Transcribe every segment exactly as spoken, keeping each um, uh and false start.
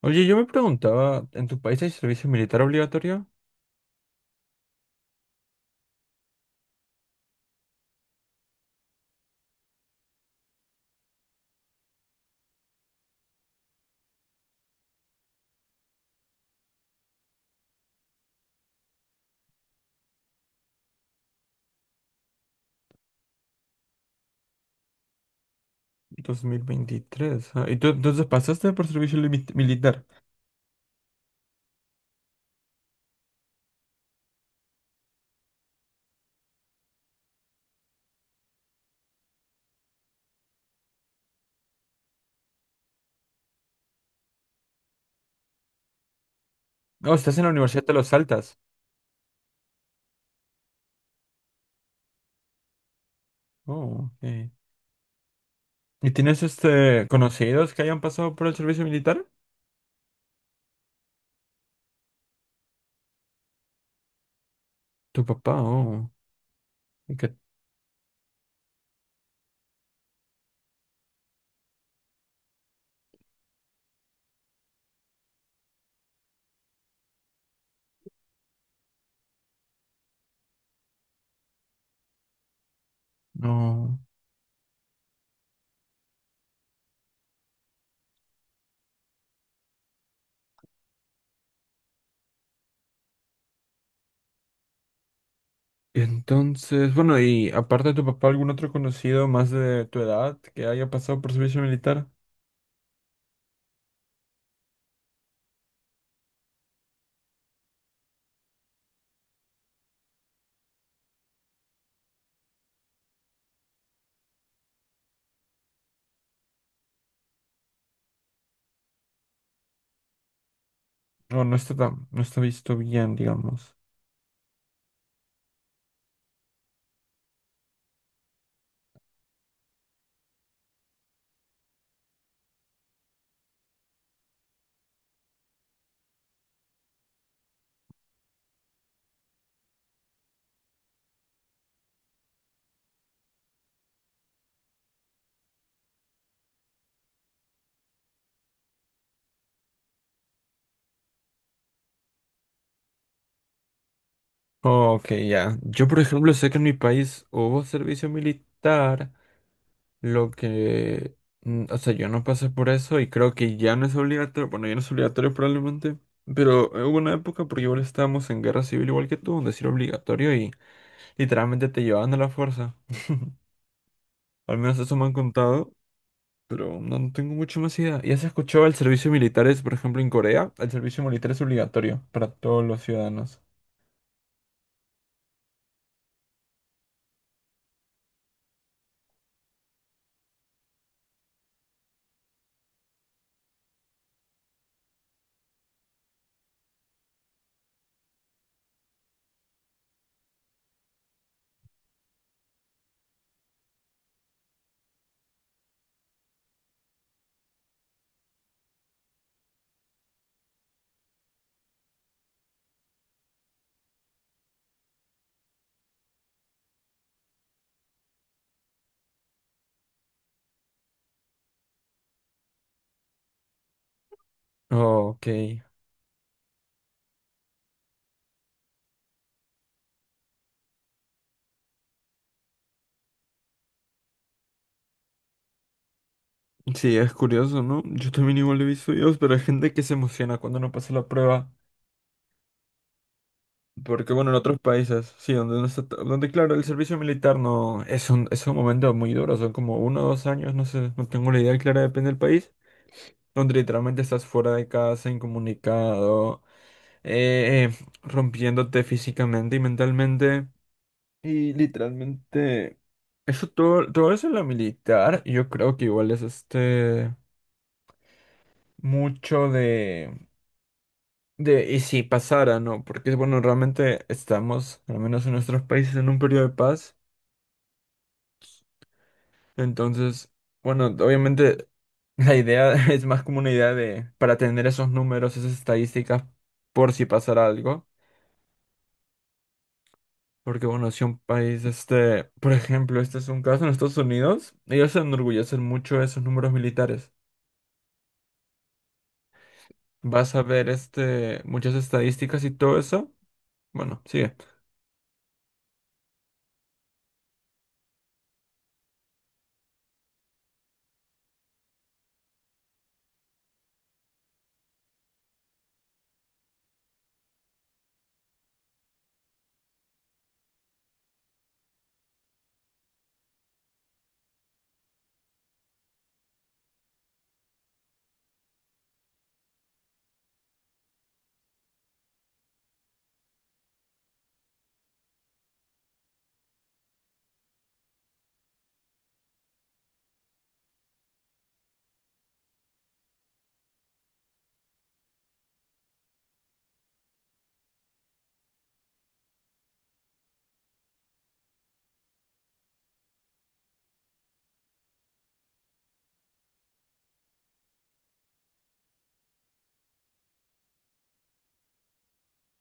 Oye, yo me preguntaba, ¿en tu país hay servicio militar obligatorio? dos mil veintitrés. Ah, ¿y tú entonces pasaste por servicio limi- militar? No, estás en la universidad, te lo saltas. Oh, ok. ¿Y tienes este conocidos que hayan pasado por el servicio militar? Tu papá, oh. ¿Y qué? No. Y entonces, bueno, y aparte de tu papá, ¿algún otro conocido más de tu edad que haya pasado por servicio militar? No, no está tan, no está visto bien, digamos. Oh, ok, ya. Yo, por ejemplo, sé que en mi país hubo servicio militar, lo que... mm, o sea, yo no pasé por eso y creo que ya no es obligatorio, bueno, ya no es obligatorio probablemente, pero hubo una época, porque igual estábamos en guerra civil igual que tú, donde sí era obligatorio y literalmente te llevaban a la fuerza. Al menos eso me han contado, pero no, no tengo mucho más idea. ¿Ya se escuchó el servicio militar es, por ejemplo, en Corea? El servicio militar es obligatorio para todos los ciudadanos. Ok. Sí, es curioso, ¿no? Yo también igual he visto videos, pero hay gente que se emociona cuando no pasa la prueba. Porque bueno, en otros países, sí, donde no está, ta- donde claro, el servicio militar no es un, es un momento muy duro, son como uno o dos años, no sé, no tengo la idea clara, depende del país, donde literalmente estás fuera de casa, incomunicado, eh, eh, rompiéndote físicamente y mentalmente. Y literalmente, eso todo, todo eso en la militar, yo creo que igual es este mucho de. De, y si pasara, ¿no? Porque, bueno, realmente estamos, al menos en nuestros países, en un periodo de paz. Entonces, bueno, obviamente la idea es más como una idea de, para tener esos números, esas estadísticas, por si pasara algo. Porque, bueno, si un país, este, por ejemplo, este es un caso en Estados Unidos, ellos se enorgullecen mucho de esos números militares. Vas a ver, este, muchas estadísticas y todo eso. Bueno, sigue.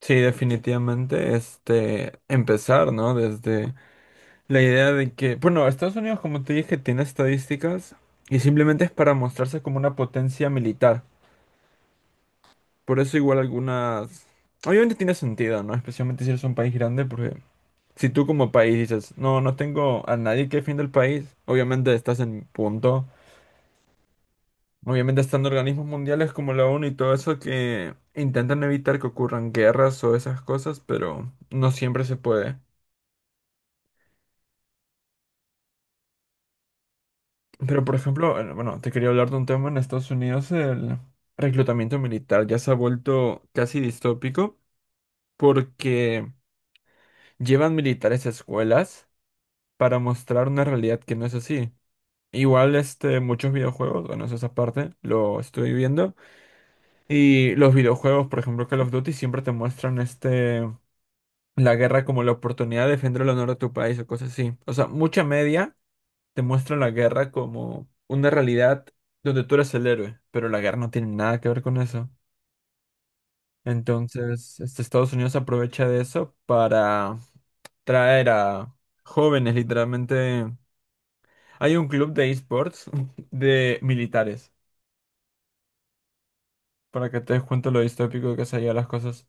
Sí, definitivamente, este, empezar, ¿no? Desde la idea de que, bueno, Estados Unidos, como te dije, tiene estadísticas y simplemente es para mostrarse como una potencia militar. Por eso igual algunas... Obviamente tiene sentido, ¿no? Especialmente si eres un país grande, porque si tú como país dices, no, no tengo a nadie que defienda el país, obviamente estás en punto. Obviamente están organismos mundiales como la ONU y todo eso que intentan evitar que ocurran guerras o esas cosas, pero no siempre se puede. Pero, por ejemplo, eh, bueno, te quería hablar de un tema en Estados Unidos, el reclutamiento militar ya se ha vuelto casi distópico porque llevan militares a escuelas para mostrar una realidad que no es así. Igual, este, muchos videojuegos, bueno, eso es aparte, lo estoy viendo. Y los videojuegos, por ejemplo, Call of Duty, siempre te muestran este, la guerra como la oportunidad de defender el honor de tu país o cosas así. O sea, mucha media te muestra la guerra como una realidad donde tú eres el héroe, pero la guerra no tiene nada que ver con eso. Entonces, este, Estados Unidos aprovecha de eso para traer a jóvenes, literalmente. Hay un club de esports de militares, para que te des cuenta lo distópico que se llevan las cosas.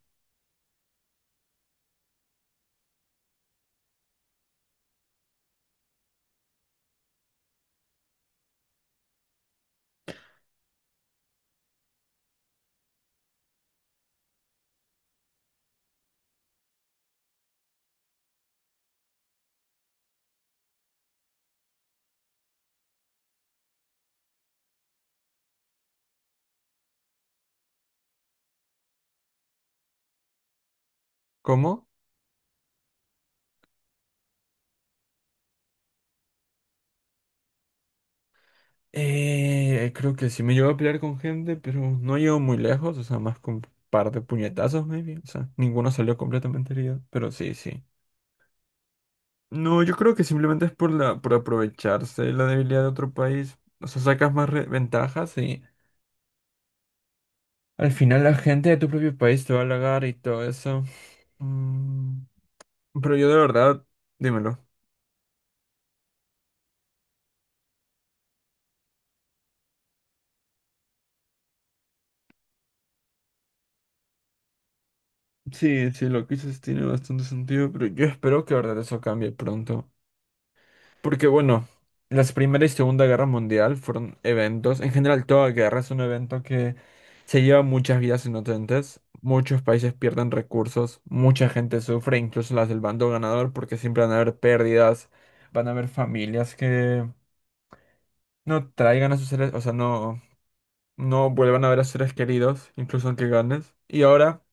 ¿Cómo? Eh, creo que sí me llevo a pelear con gente, pero no llego muy lejos, o sea, más con un par de puñetazos, maybe. O sea, ninguno salió completamente herido, pero sí, sí. No, yo creo que simplemente es por la, por aprovecharse de la debilidad de otro país. O sea, sacas más re- ventajas y al final la gente de tu propio país te va a halagar y todo eso. Mm, pero yo de verdad, dímelo. Sí, sí, lo que dices tiene bastante sentido, pero yo espero que de verdad eso cambie pronto. Porque bueno, las Primera y Segunda Guerra Mundial fueron eventos, en general toda guerra es un evento que se lleva muchas vidas inocentes, muchos países pierden recursos, mucha gente sufre, incluso las del bando ganador, porque siempre van a haber pérdidas, van a haber familias que no traigan a sus seres, o sea, no, no vuelvan a ver a sus seres queridos, incluso aunque ganes. Y ahora,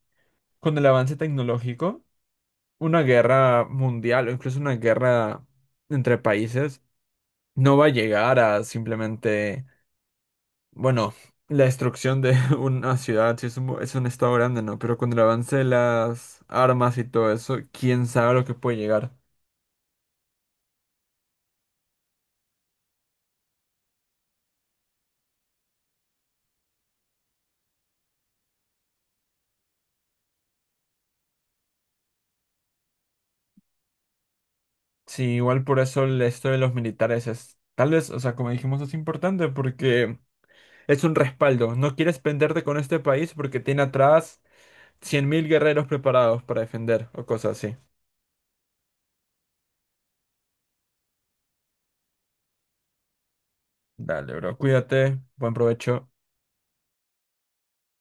con el avance tecnológico, una guerra mundial o incluso una guerra entre países no va a llegar a simplemente, bueno, la destrucción de una ciudad, si es un, es un estado grande, ¿no? Pero con el avance de las armas y todo eso, quién sabe lo que puede llegar. Sí, igual por eso el- esto de los militares es, tal vez, o sea, como dijimos, es importante porque es un respaldo. No quieres penderte con este país porque tiene atrás cien mil guerreros preparados para defender o cosas así. Dale, bro, cuídate, buen provecho.